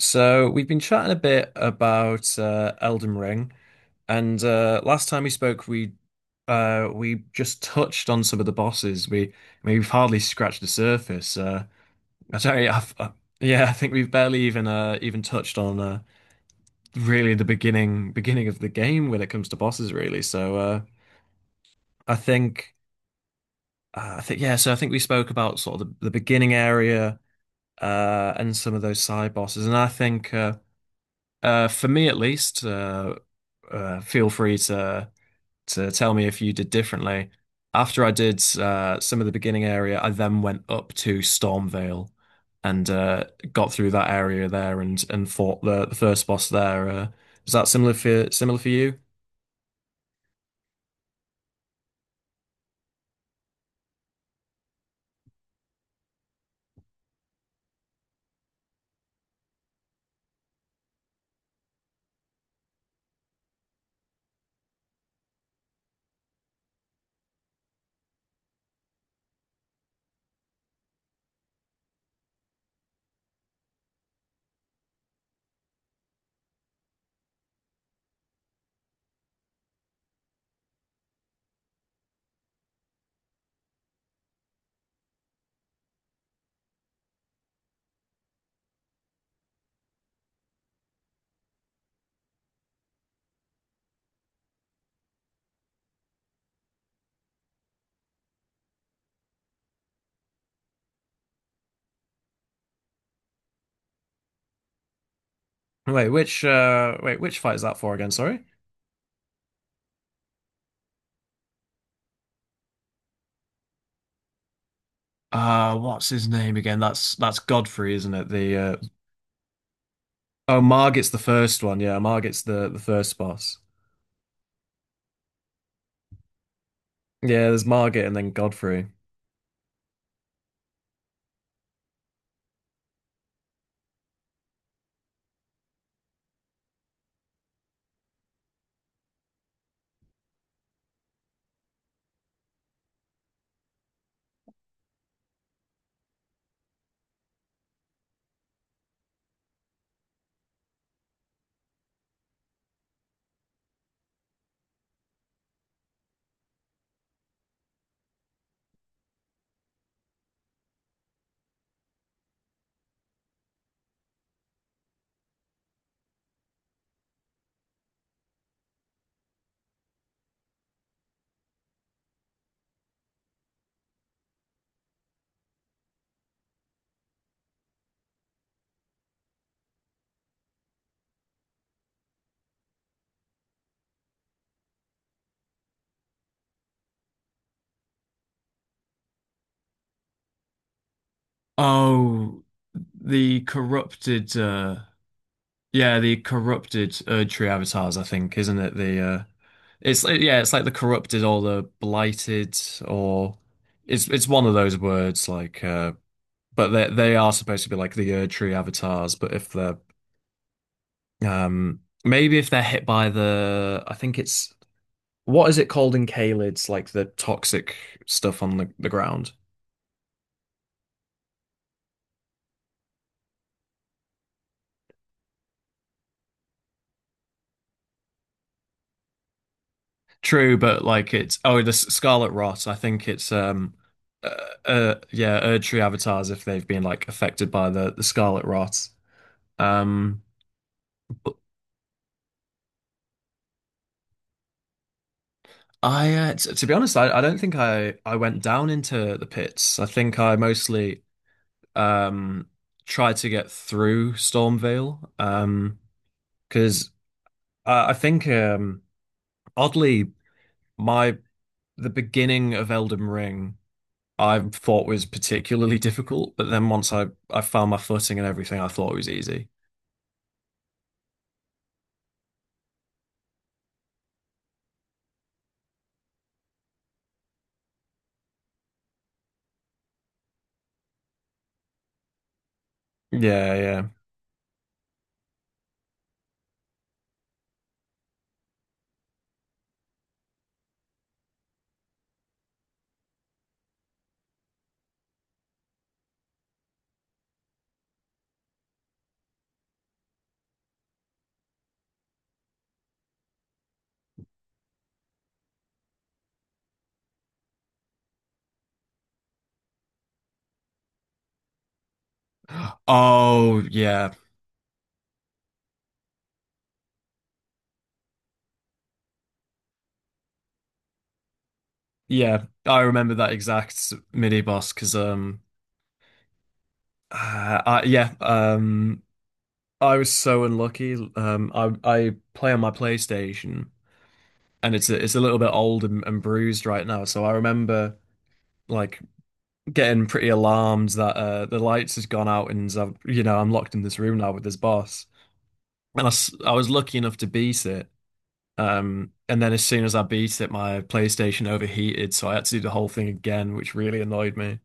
So we've been chatting a bit about Elden Ring, and last time we spoke, we just touched on some of the bosses. We I mean, we've hardly scratched the surface. I don't, I've, yeah, I think we've barely even even touched on really the beginning of the game when it comes to bosses, really. So I think I think yeah. So I think we spoke about sort of the beginning area and some of those side bosses, and I think. For me at least, feel free to tell me if you did differently. After I did some of the beginning area, I then went up to Stormvale and got through that area there and fought the first boss there. Is that similar for you? Wait, which which fight is that for again? Sorry. What's his name again? That's Godfrey, isn't it? The oh, Margit's the first one. Yeah, Margit's the first boss. Yeah, there's Margit and then Godfrey. Oh, the corrupted yeah, the corrupted Erdtree avatars, I think, isn't it? Yeah, it's like the corrupted or the blighted or it's one of those words like but they are supposed to be like the Erdtree avatars, but if they're maybe if they're hit by the I think it's what is it called in Caelid's like the toxic stuff on the ground? True, but like it's oh the Scarlet Rot. I think it's uh, yeah Erdtree avatars if they've been like affected by the Scarlet Rot. Um, but I t to be honest, I don't think I went down into the pits. I think I mostly um tried to get through Stormvale because I think oddly my the beginning of Elden Ring. I thought was particularly difficult, but then once I found my footing and everything, I thought it was easy. Yeah, yeah. Oh, yeah. Yeah, I remember that exact mini boss because yeah, I was so unlucky. I play on my PlayStation and it's it's a little bit old and bruised right now, so I remember like getting pretty alarmed that the lights has gone out and I've, you know, I'm locked in this room now with this boss. And I was lucky enough to beat it. And then as soon as I beat it, my PlayStation overheated, so I had to do the whole thing again, which really annoyed me.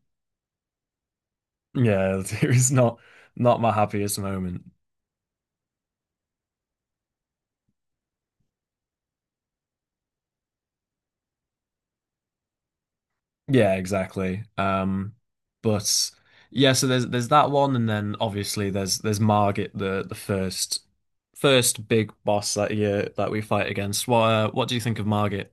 Yeah, it was not my happiest moment. Yeah, exactly. But yeah, so there's that one, and then obviously there's Margit, the first big boss that year that we fight against. What do you think of Margit?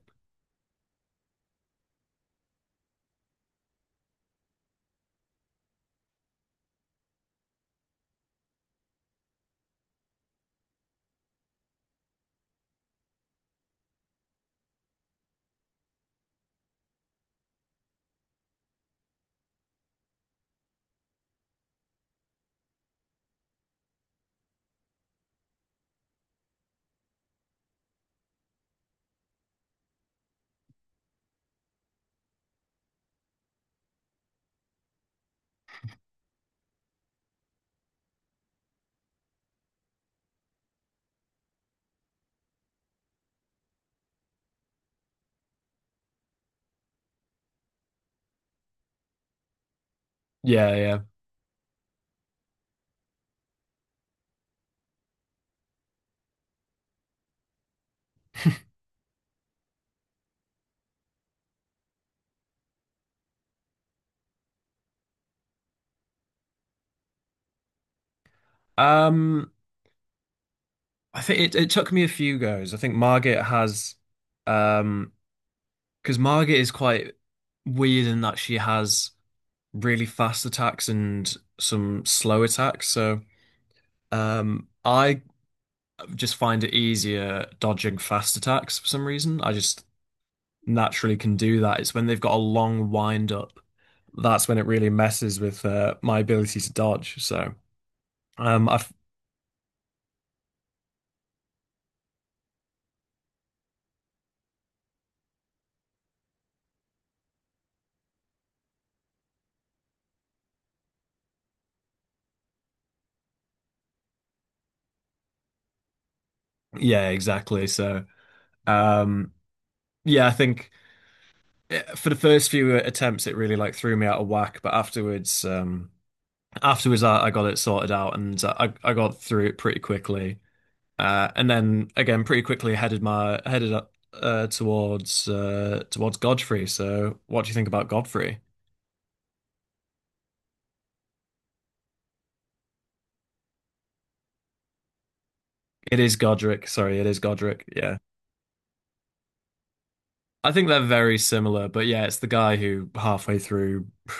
Yeah, yeah. I think it took me a few goes. I think Margit has, um, because Margit is quite weird in that she has really fast attacks and some slow attacks. So, I just find it easier dodging fast attacks for some reason. I just naturally can do that. It's when they've got a long wind up that's when it really messes with my ability to dodge. So, um, I, yeah, exactly. So, um, yeah, I think. For the first few attempts, it really like threw me out of whack. But afterwards, afterwards, I got it sorted out and I got through it pretty quickly. And then again, pretty quickly headed up towards towards Godfrey. So, what do you think about Godfrey? It is Godric. Sorry, it is Godric. Yeah, I think they're very similar. But yeah, it's the guy who halfway through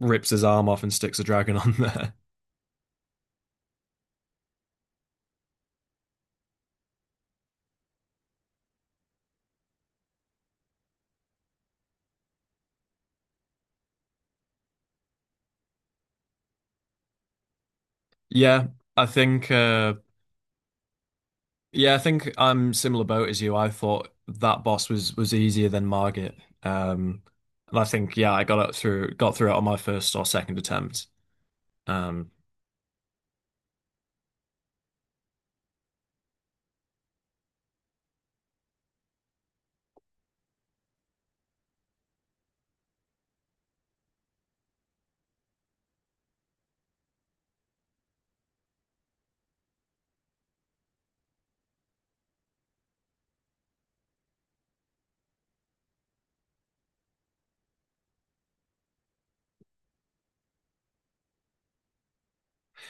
rips his arm off and sticks a dragon on there. Yeah, I think. Uh, Yeah, I think I'm similar boat as you. I thought that boss was easier than Margit. Um, and I think yeah, I got up through got through it on my first or second attempt. Um,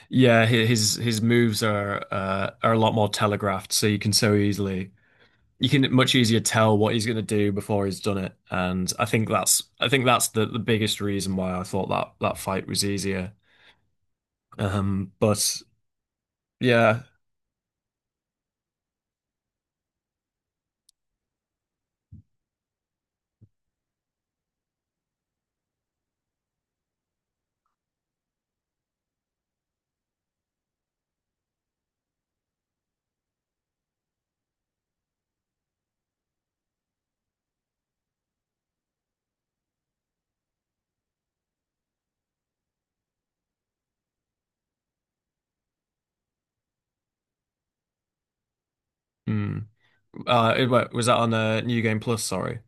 yeah, his moves are a lot more telegraphed, so you can so easily you can much easier tell what he's going to do before he's done it. And I think that's the biggest reason why I thought that that fight was easier. But yeah, mm. Was that on New Game Plus? Sorry.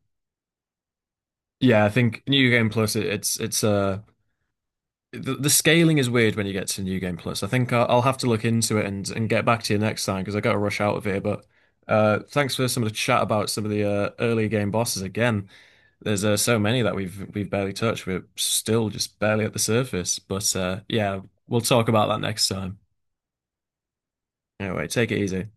Yeah, I think New Game Plus it, it's the scaling is weird when you get to New Game Plus. I think I'll have to look into it and get back to you next time because I got to rush out of here. But thanks for some of the chat about some of the early game bosses again. There's so many that we've barely touched. We're still just barely at the surface. But yeah, we'll talk about that next time. Anyway, take it easy.